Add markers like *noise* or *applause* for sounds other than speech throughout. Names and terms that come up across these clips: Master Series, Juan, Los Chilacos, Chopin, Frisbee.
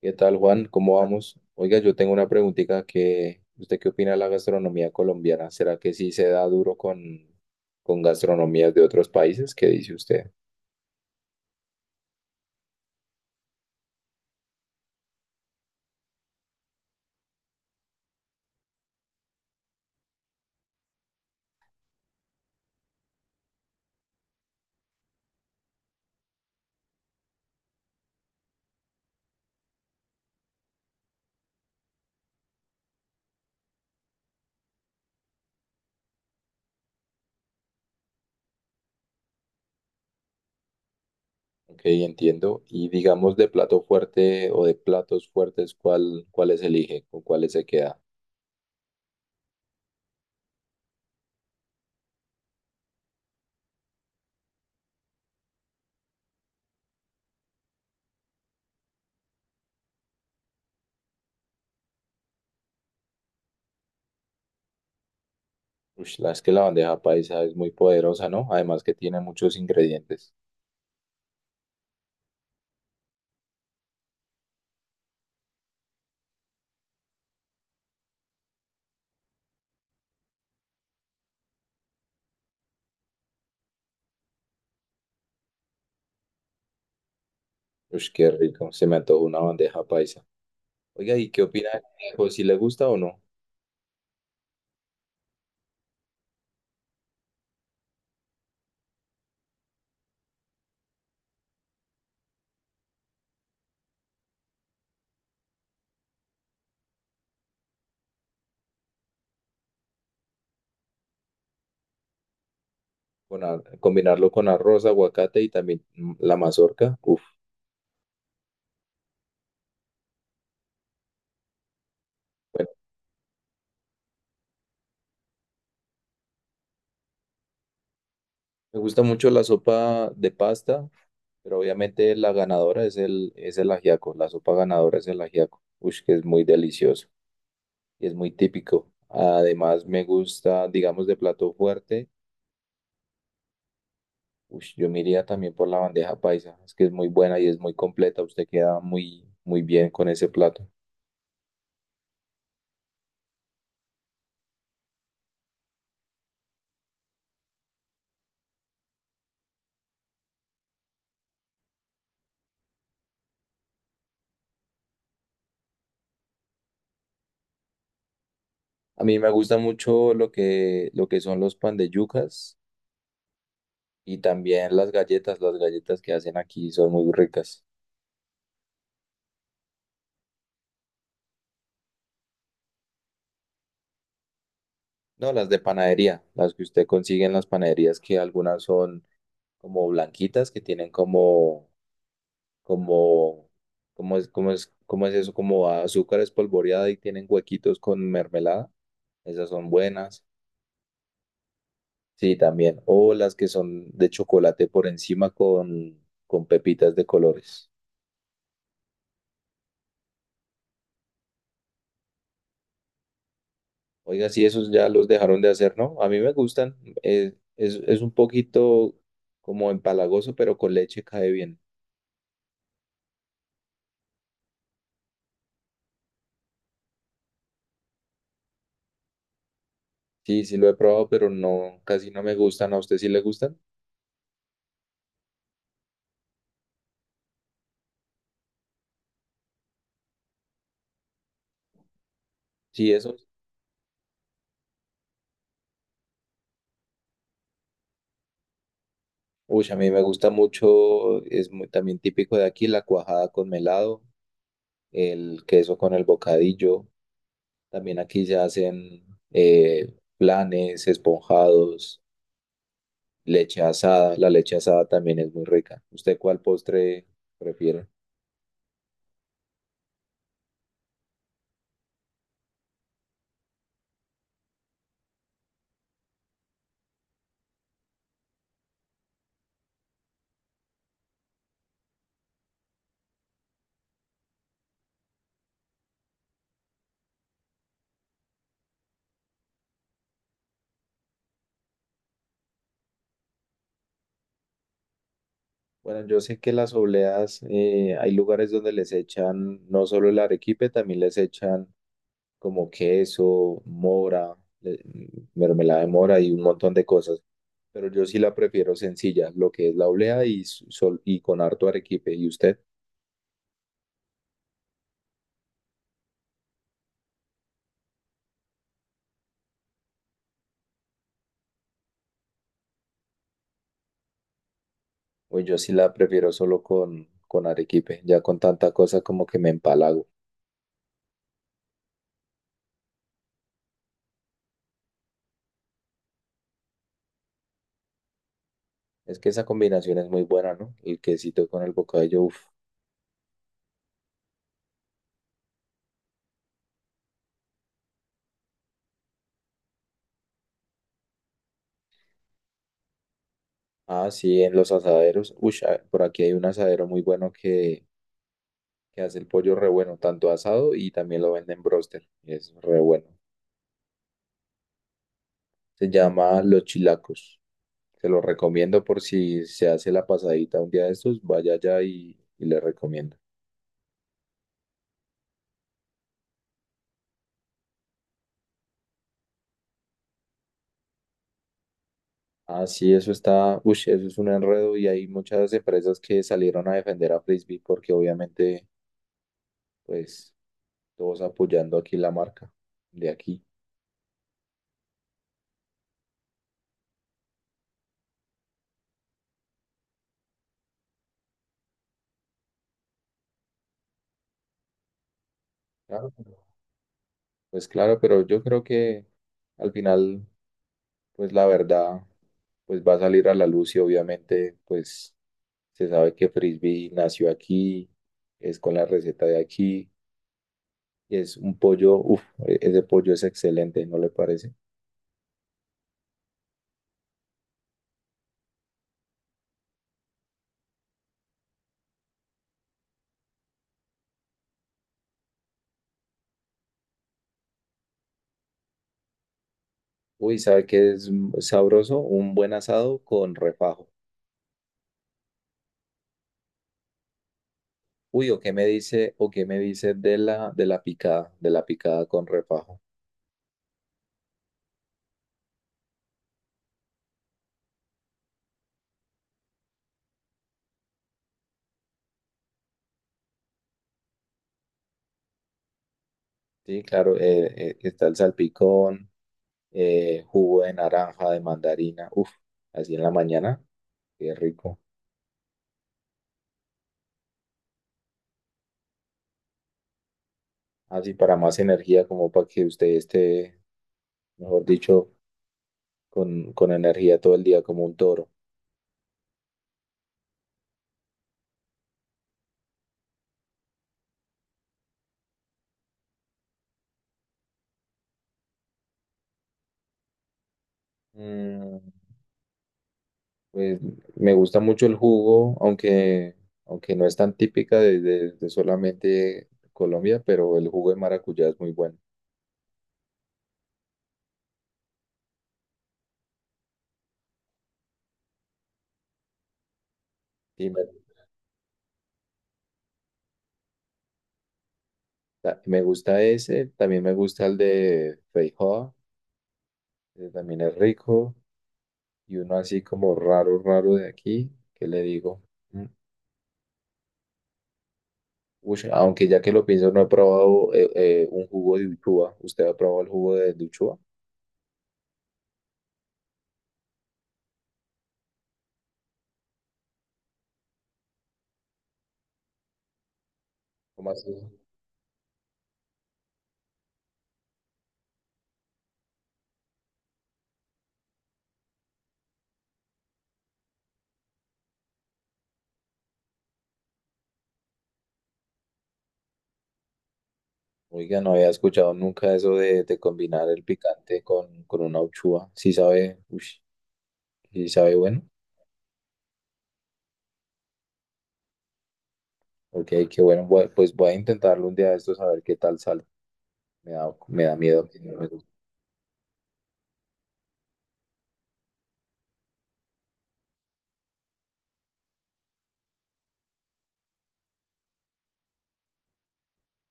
¿Qué tal, Juan? ¿Cómo vamos? Oiga, yo tengo una preguntita que, ¿usted qué opina de la gastronomía colombiana? ¿Será que sí se da duro con gastronomías de otros países? ¿Qué dice usted? Ok, entiendo. Y digamos de plato fuerte o de platos fuertes, cuáles elige? ¿Con cuáles se queda? Ush, es que la bandeja paisa es muy poderosa, ¿no? Además que tiene muchos ingredientes. Ush, qué rico. Se me antojó una bandeja paisa. Oiga, ¿y qué opina del conejo? ¿Si le gusta o no? Combinarlo con arroz, aguacate y también la mazorca. Uf, bueno, me gusta mucho la sopa de pasta, pero obviamente la ganadora es es el ajiaco. La sopa ganadora es el ajiaco. Ush, que es muy delicioso y es muy típico. Además, me gusta, digamos, de plato fuerte. Ush, yo me iría también por la bandeja paisa. Es que es muy buena y es muy completa. Usted queda muy, muy bien con ese plato. A mí me gusta mucho lo que son los pan de yucas. Y también las galletas que hacen aquí son muy ricas. No, las de panadería, las que usted consigue en las panaderías, que algunas son como blanquitas, que tienen como, como es, como es, como es eso, como azúcar espolvoreada y tienen huequitos con mermelada. Esas son buenas. Sí, también. O las que son de chocolate por encima con pepitas de colores. Oiga, sí, esos ya los dejaron de hacer, ¿no? A mí me gustan. Es un poquito como empalagoso, pero con leche cae bien. Sí, sí lo he probado, pero no, casi no me gustan. ¿A usted sí le gustan? Sí, esos. Uy, a mí me gusta mucho. Es muy, también típico de aquí la cuajada con melado, el queso con el bocadillo. También aquí se hacen planes, esponjados, leche asada. La leche asada también es muy rica. ¿Usted cuál postre prefiere? Bueno, yo sé que las obleas, hay lugares donde les echan no solo el arequipe, también les echan como queso, mora, mermelada de mora y un montón de cosas. Pero yo sí la prefiero sencilla, lo que es la oblea y, sol, y con harto arequipe. ¿Y usted? Pues yo sí la prefiero solo con arequipe, ya con tanta cosa como que me empalago. Es que esa combinación es muy buena, ¿no? El quesito con el bocadillo, uff. Ah, sí, en los asaderos. Uy, por aquí hay un asadero muy bueno que hace el pollo re bueno, tanto asado y también lo venden en broster. Y es re bueno. Se llama Los Chilacos. Se lo recomiendo por si se hace la pasadita un día de estos, vaya allá y le recomiendo. Ah, sí, eso está, uy, eso es un enredo y hay muchas empresas que salieron a defender a Frisbee porque obviamente, pues, todos apoyando aquí la marca de aquí. Claro, pero- pues claro, pero yo creo que al final, pues la verdad, pues va a salir a la luz y obviamente, pues se sabe que Frisbee nació aquí, es con la receta de aquí, y es un pollo, uff, ese pollo es excelente, ¿no le parece? Uy, ¿sabe qué es sabroso? Un buen asado con refajo. Uy, o qué me dice de de la picada con refajo? Sí, claro, está el salpicón, jugo de naranja, de mandarina, uff, así en la mañana, qué rico. Así para más energía, como para que usted esté, mejor dicho con energía todo el día como un toro. Mm, pues me gusta mucho el jugo, aunque no es tan típica de, de solamente Colombia, pero el jugo de maracuyá es muy bueno. Y me, Me gusta ese, también me gusta el de feijoa, que también es rico, y uno así como raro, raro de aquí, que le digo? Mm, Aunque ya que lo pienso, no he probado un jugo de uchuva. ¿Usted ha probado el jugo de uchuva? ¿Cómo así? Oiga, no había escuchado nunca eso de combinar el picante con una uchúa. Sí sabe, ush, sí sabe bueno. Ok, qué bueno. Pues voy a intentarlo un día de estos a ver qué tal sale. Me da miedo que no me guste.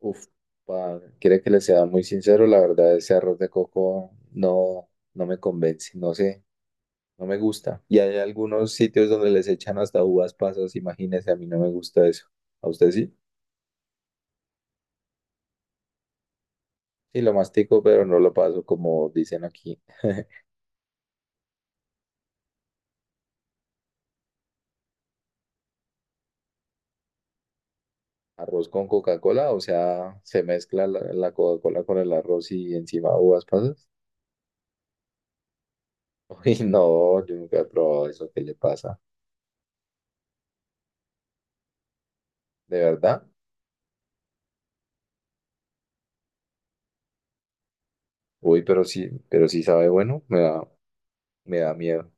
Uf, quiere que le sea muy sincero, la verdad, ese arroz de coco no, no me convence, no sé, no me gusta. Y hay algunos sitios donde les echan hasta uvas pasas, imagínese, a mí no me gusta eso. ¿A usted sí? Sí, lo mastico, pero no lo paso como dicen aquí. *laughs* Arroz con Coca-Cola, o sea, se mezcla la Coca-Cola con el arroz y encima uvas pasas. *laughs* Uy, no, yo nunca he probado eso, ¿qué le pasa? ¿De verdad? Uy, pero sí sabe bueno, me da miedo.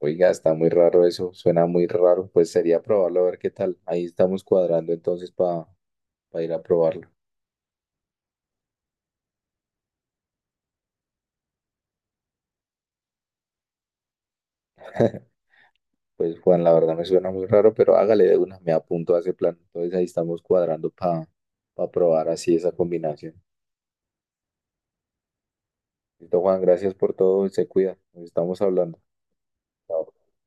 Oiga, está muy raro eso, suena muy raro, pues sería probarlo a ver qué tal. Ahí estamos cuadrando entonces para ir a probarlo. *laughs* Pues Juan, la verdad me suena muy raro, pero hágale de una, me apunto a ese plan. Entonces ahí estamos cuadrando para probar así esa combinación. Listo, Juan, gracias por todo y se cuida. Nos estamos hablando. Chao.